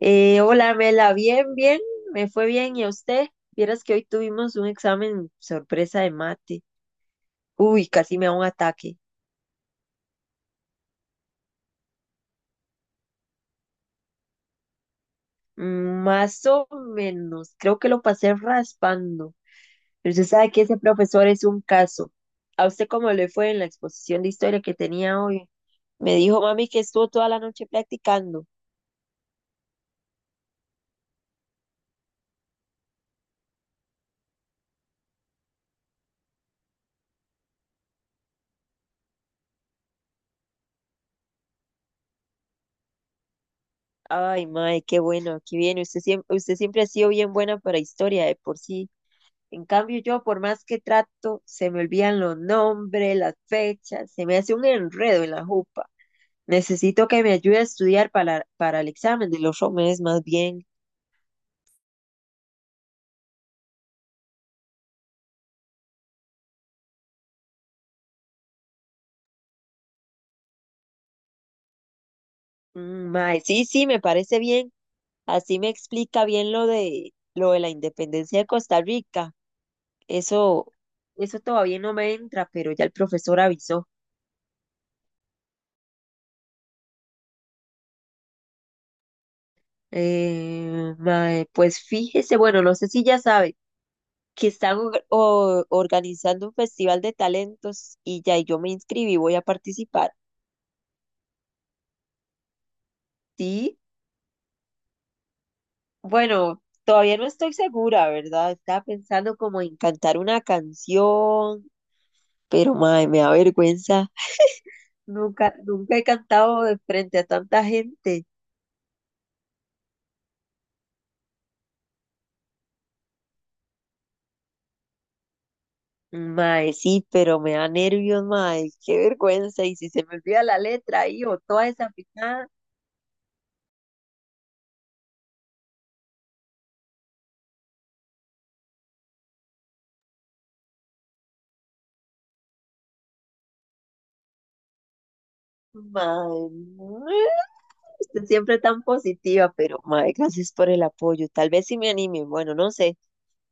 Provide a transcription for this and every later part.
Hola, Mela, bien, me fue bien. ¿Y a usted? Vieras que hoy tuvimos un examen sorpresa de mate. Uy, casi me da un ataque. Más o menos, creo que lo pasé raspando. Pero usted sabe que ese profesor es un caso. ¿A usted cómo le fue en la exposición de historia que tenía hoy? Me dijo mami que estuvo toda la noche practicando. Ay, mae, qué bueno, aquí viene. Usted siempre ha sido bien buena para historia de por sí. En cambio, yo, por más que trato, se me olvidan los nombres, las fechas, se me hace un enredo en la jupa. Necesito que me ayude a estudiar para el examen de los meses más bien. Mm, mae, sí, sí, me parece bien. Así me explica bien lo de la independencia de Costa Rica. Eso, eso todavía no me entra, pero ya el profesor avisó. Mae, pues fíjese, bueno, no sé si ya sabe que están organizando un festival de talentos y yo me inscribí, voy a participar. Sí, bueno, todavía no estoy segura, ¿verdad? Estaba pensando como en cantar una canción, pero mae, me da vergüenza. Nunca he cantado de frente a tanta gente. Mae, sí, pero me da nervios, mae, qué vergüenza. Y si se me olvida la letra ahí o toda esa picada, mae. No. Usted siempre tan positiva, pero madre, gracias por el apoyo. Tal vez sí me anime. Bueno, no sé.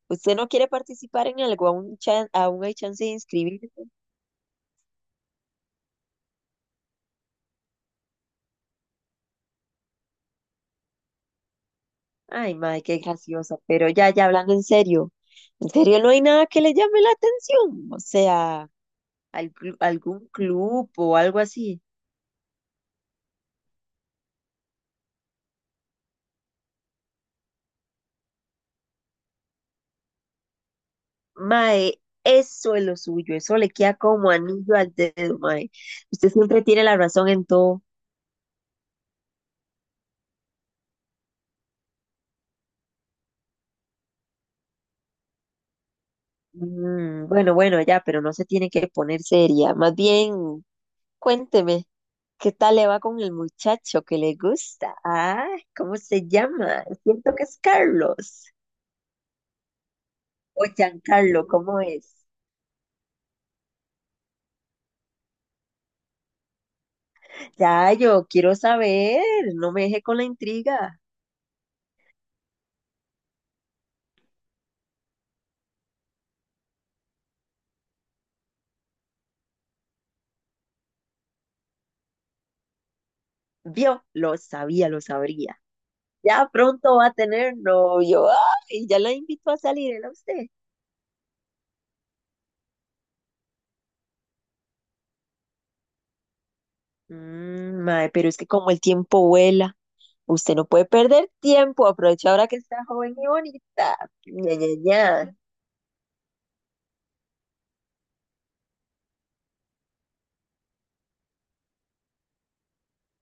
¿Usted no quiere participar en algo? ¿Aún, aún hay chance de inscribirse? Ay, madre, qué graciosa. Pero ya hablando en serio no hay nada que le llame la atención. O sea, algún club o algo así. Mae, eso es lo suyo. Eso le queda como anillo al dedo, mae. Usted siempre tiene la razón en todo. Bueno, ya, pero no se tiene que poner seria. Más bien, cuénteme. ¿Qué tal le va con el muchacho que le gusta? Ah, ¿cómo se llama? Siento que es Carlos. O Giancarlo, ¿cómo es? Ya, yo quiero saber. No me deje con la intriga. Vio, lo sabía, lo sabría. Ya pronto va a tener novio. Y ya la invito a salir, ¿era usted? Mae, pero es que como el tiempo vuela, usted no puede perder tiempo. Aprovecha ahora que está joven y bonita. Ña, Ña, Ña.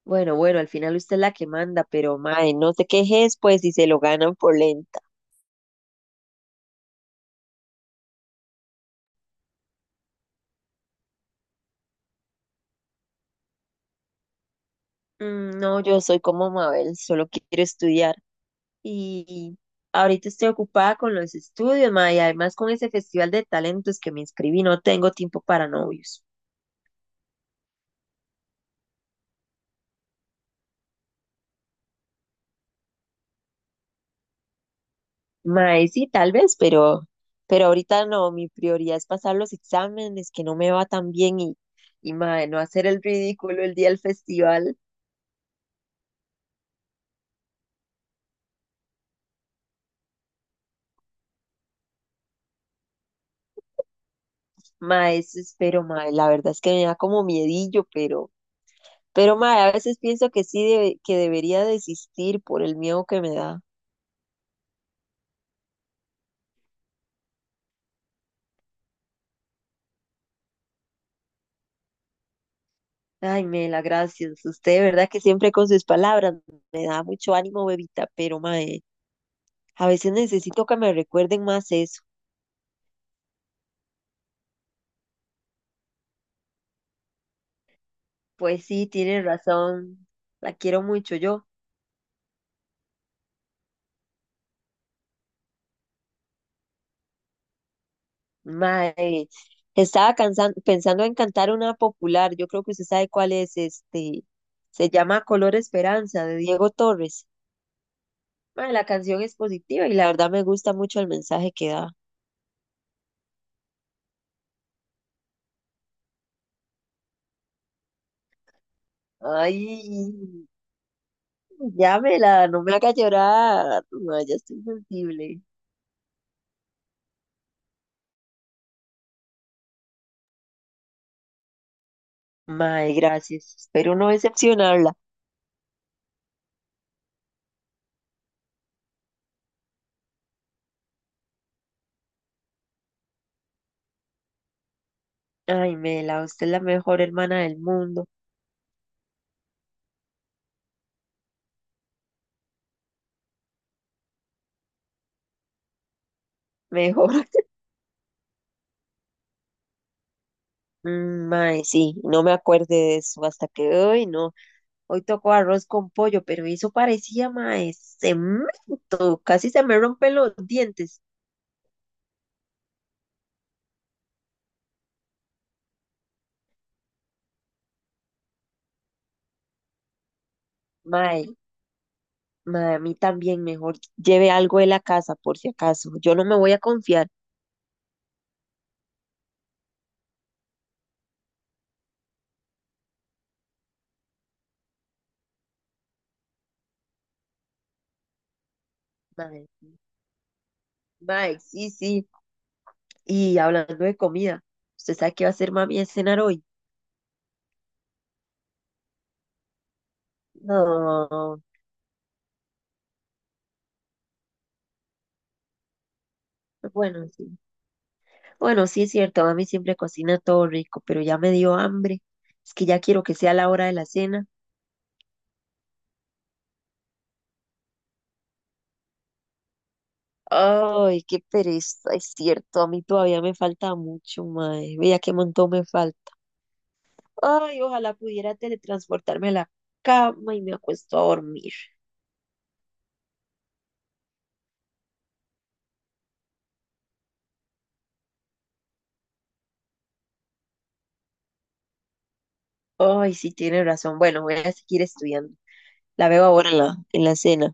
Bueno, al final usted es la que manda, pero mae, no te quejes pues si se lo ganan por lenta. Mm, no, yo soy como Mabel, solo quiero estudiar. Y ahorita estoy ocupada con los estudios, mae, y además con ese festival de talentos que me inscribí, no tengo tiempo para novios. Mae, sí, tal vez, pero ahorita no, mi prioridad es pasar los exámenes, que no me va tan bien y mae, no hacer el ridículo el día del festival. Mae, eso espero, mae, la verdad es que me da como miedillo, pero mae, a veces pienso que sí, que debería desistir por el miedo que me da. Ay, Mela, gracias. Usted, de verdad que siempre con sus palabras me da mucho ánimo, bebita, pero mae, a veces necesito que me recuerden más eso. Pues sí, tiene razón. La quiero mucho yo. Mae, estaba pensando en cantar una popular. Yo creo que usted sabe cuál es este. Se llama Color Esperanza de Diego Torres. Mae, la canción es positiva y la verdad me gusta mucho el mensaje que da. Ay, llámela, no me haga llorar. Ay, ya estoy sensible. Mae, gracias. Espero no decepcionarla. Ay, Mela, usted es la mejor hermana del mundo. Mejor. Mm, mae, sí, no me acuerde de eso hasta que hoy no. Hoy tocó arroz con pollo, pero eso parecía, mae, cemento. Casi se me rompen los dientes. Mae, mae, a mí también mejor lleve algo de la casa por si acaso. Yo no me voy a confiar. Mae, sí, mae, sí. Y hablando de comida, ¿usted sabe qué va a hacer mami de cenar hoy? No, bueno, sí. Bueno, sí es cierto, mami siempre cocina todo rico, pero ya me dio hambre. Es que ya quiero que sea la hora de la cena. Ay, qué pereza, es cierto, a mí todavía me falta mucho, mae. Vea qué montón me falta. Ay, ojalá pudiera teletransportarme a la cama y me acuesto a dormir. Ay, sí, tiene razón. Bueno, voy a seguir estudiando. La veo ahora en la cena.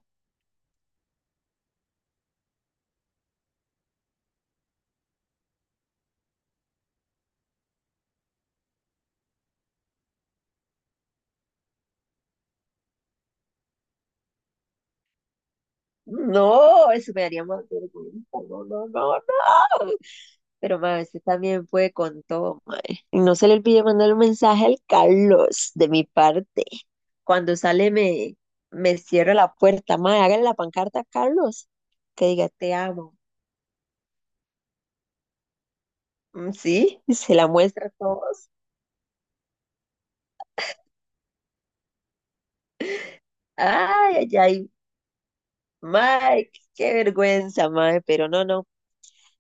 No, eso me daría más vergüenza. No, no, no, no. Pero ma, usted también puede con todo, mae. Y no se le olvide mandar un mensaje al Carlos de mi parte. Cuando sale me, me cierra la puerta, mae. Hágale la pancarta a Carlos. Que diga, te amo. Mm, sí, y se la muestra a todos. Ay, ay, ay. Mae, qué vergüenza, mae. Pero no, no.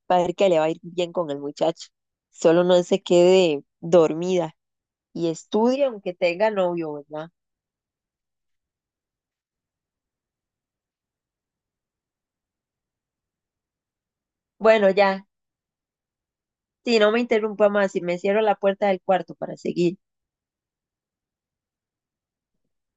Va a ver que le va a ir bien con el muchacho. Solo no se quede dormida. Y estudia aunque tenga novio, ¿verdad? Bueno, ya, si no me interrumpa más y me cierro la puerta del cuarto para seguir.